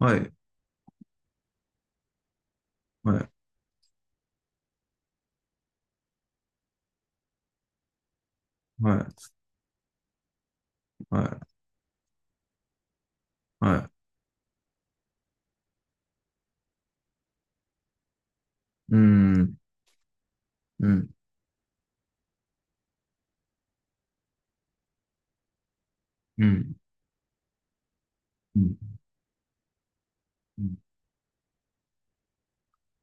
はい、はい、はい、はい、はい。うん、うん、うん、うん、うん、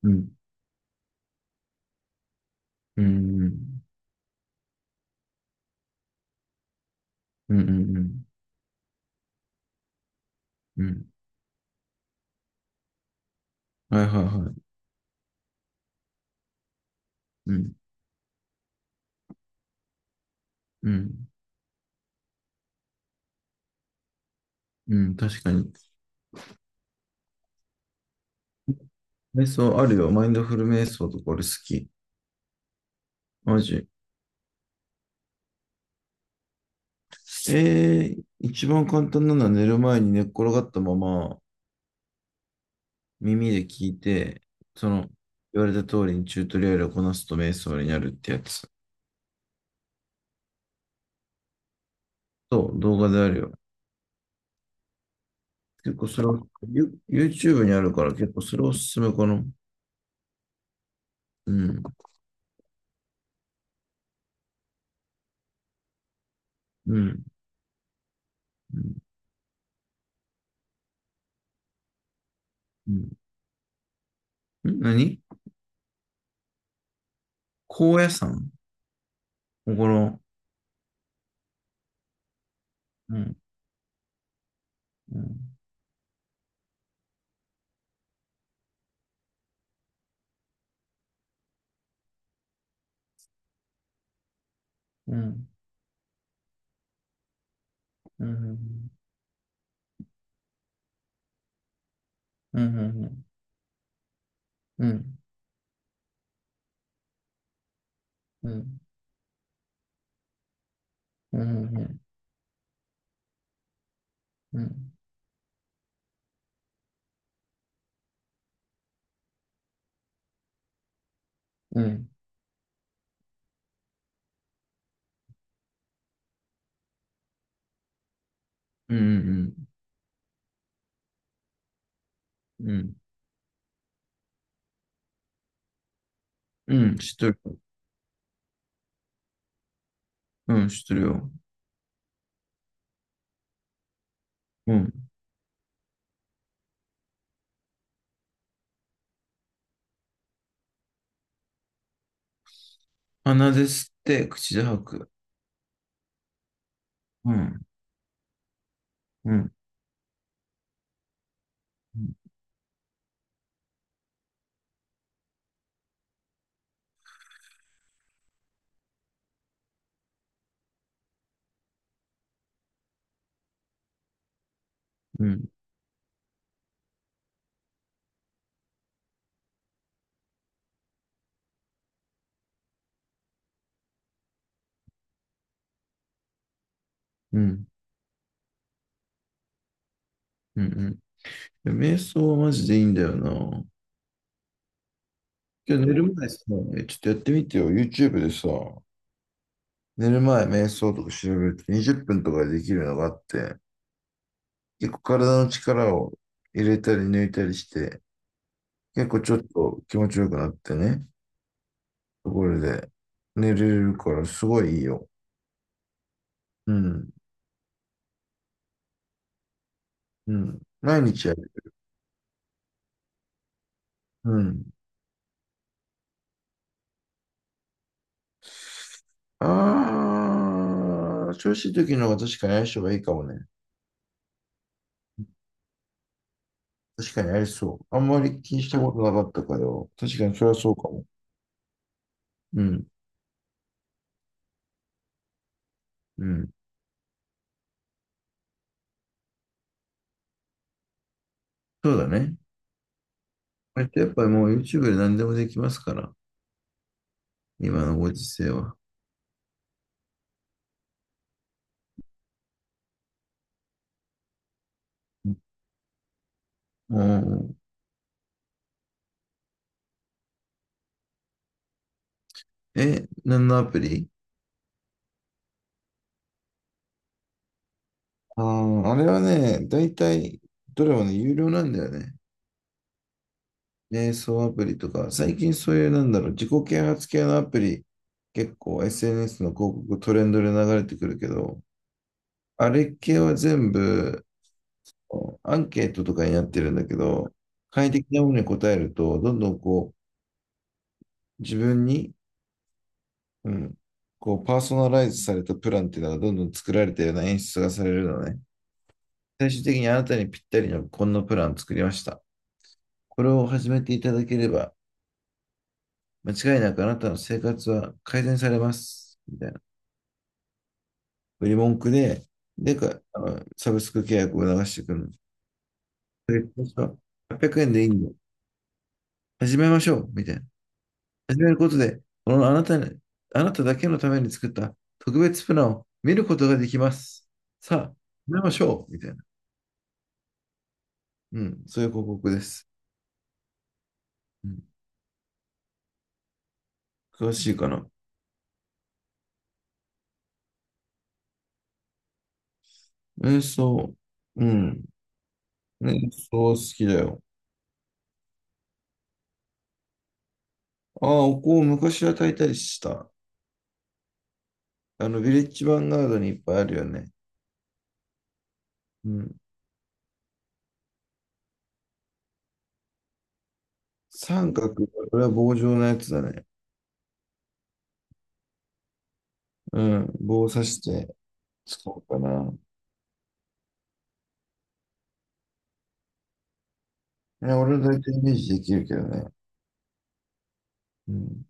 うん、うん、うん、うん、うん、うん。はい、はい、はい。うん、うん、うん、確かに。瞑想あるよ。マインドフル瞑想とか俺好き。マジ。一番簡単なのは寝る前に寝っ転がったまま耳で聞いて、その言われた通りにチュートリアルをこなすと瞑想になるってやつ。そう、動画であるよ。結構それは、YouTube にあるから結構それおすすめかな。うん。うん。うんうん。ん何高野山ここの、うん。うん。うん。うん。うん。うん。うん。うん。うん。うん。うん。うん。うん。うん。知ってる。うん。知ってるよ。うん。鼻で吸って口で吐く。うん。うん。うん。うん。うん。うん。瞑想はマジでいいんだよな。今日寝る前さ、えちょっとやってみてよ。YouTube でさ、寝る前瞑想とか調べると20分とかでできるのがあって、結構体の力を入れたり抜いたりして、結構ちょっと気持ちよくなってね、ところで寝れるからすごいいいよ。うん、うん。毎日やる。うん。あー、調子いい時の方が確かに相性がいいかもね。確かにありそう。あんまり気にしたことなかったからよ。確かにそれはそうかも。うん、うん。そうだね。これってやっぱりもう YouTube で何でもできますから、今のご時世は。もえ、何のアプリ。ああ、あれはね、だいたいどれもね、有料なんだよね。瞑想アプリとか、最近そういうなんだろう、自己啓発系のアプリ、結構 SNS の広告トレンドで流れてくるけど、あれ系は全部アンケートとかになってるんだけど、快適なものに答えると、どんどんこう、自分にうん。こう、パーソナライズされたプランっていうのがどんどん作られたような演出がされるのね。最終的にあなたにぴったりのこんなプランを作りました。これを始めていただければ、間違いなくあなたの生活は改善されます。みたいな。売り文句で、でか、あのサブスク契約を流してくるの。でこうした800円でいいんだ。始めましょう。みたいな。始めることで、このあなたに、あなただけのために作った特別プランを見ることができます。さあ、始めましょう。みたいな。うん、そういう広告です。うん、詳しいかな。瞑想。うん。ね瞑想好きだよ。ああ、お香を昔は焚いたりした。あの、ヴィレッジヴァンガードにいっぱいあるよね。うん。三角、これは棒状のやつだね。うん。棒を刺して使おうかな。いや、俺は大体イメージできるけどね。うん。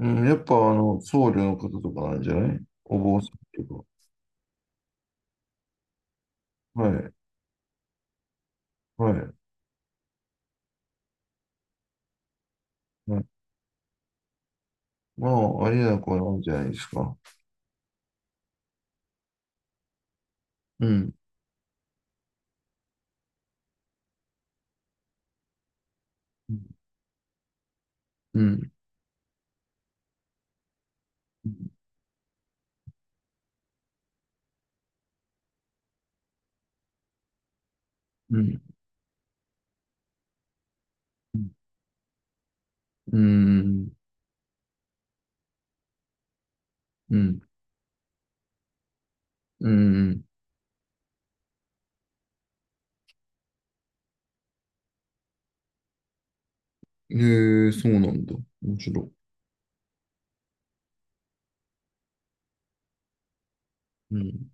うん、やっぱ、あの、僧侶の方とかなんじゃない、お坊さんとか。はい。はい。はい。まあ、ありなくなんじゃないですか。うん。うん。うん。うん。うん。うん。えー、そうなんだ。面白い。うん。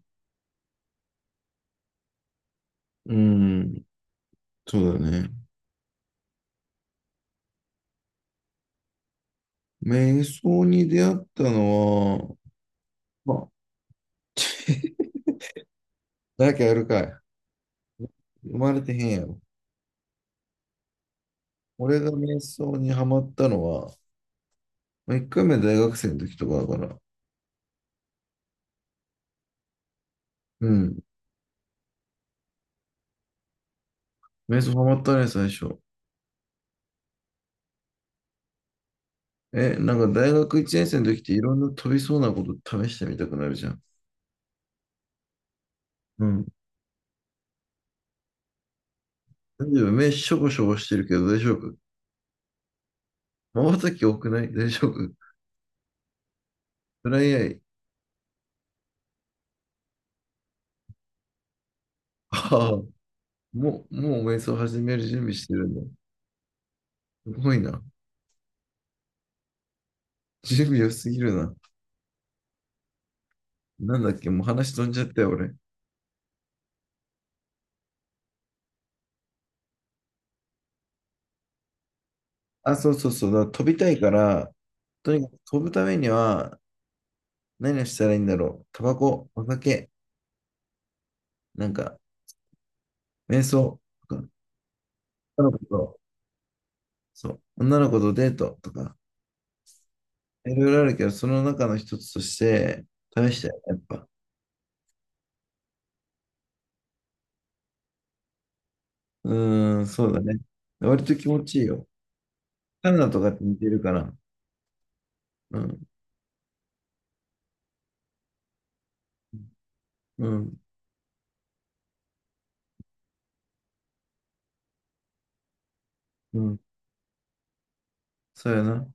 うん。そうだよね。瞑想に出会ったのは、まあ、誰かやるかい。生まれてへんやろ。俺が瞑想にハマったのは、まあ、1回目大学生の時とかだから。うん。瞑想ハマったね、最初。え、なんか大学1年生の時っていろんな飛びそうなこと試してみたくなるじゃん。うん。大丈夫、目しょぼしょぼしてるけど大丈夫。瞬き多くない大丈夫、トライアイ。ああ、もう瞑想始める準備してるんだ。すごいな。準備良すぎるな。なんだっけ、もう話飛んじゃったよ、俺。あ、そうそうそう。だから飛びたいから、とにかく飛ぶためには、何をしたらいいんだろう。タバコ、お酒、なんか、瞑想とか、女の子と、そう、女の子とデートとか、いろいろあるけど、その中の一つとして、試したよ、やっぱ。うーん、そうだね。割と気持ちいいよ。カナダとかって似てるかな。うん。うん。うん。そうやな。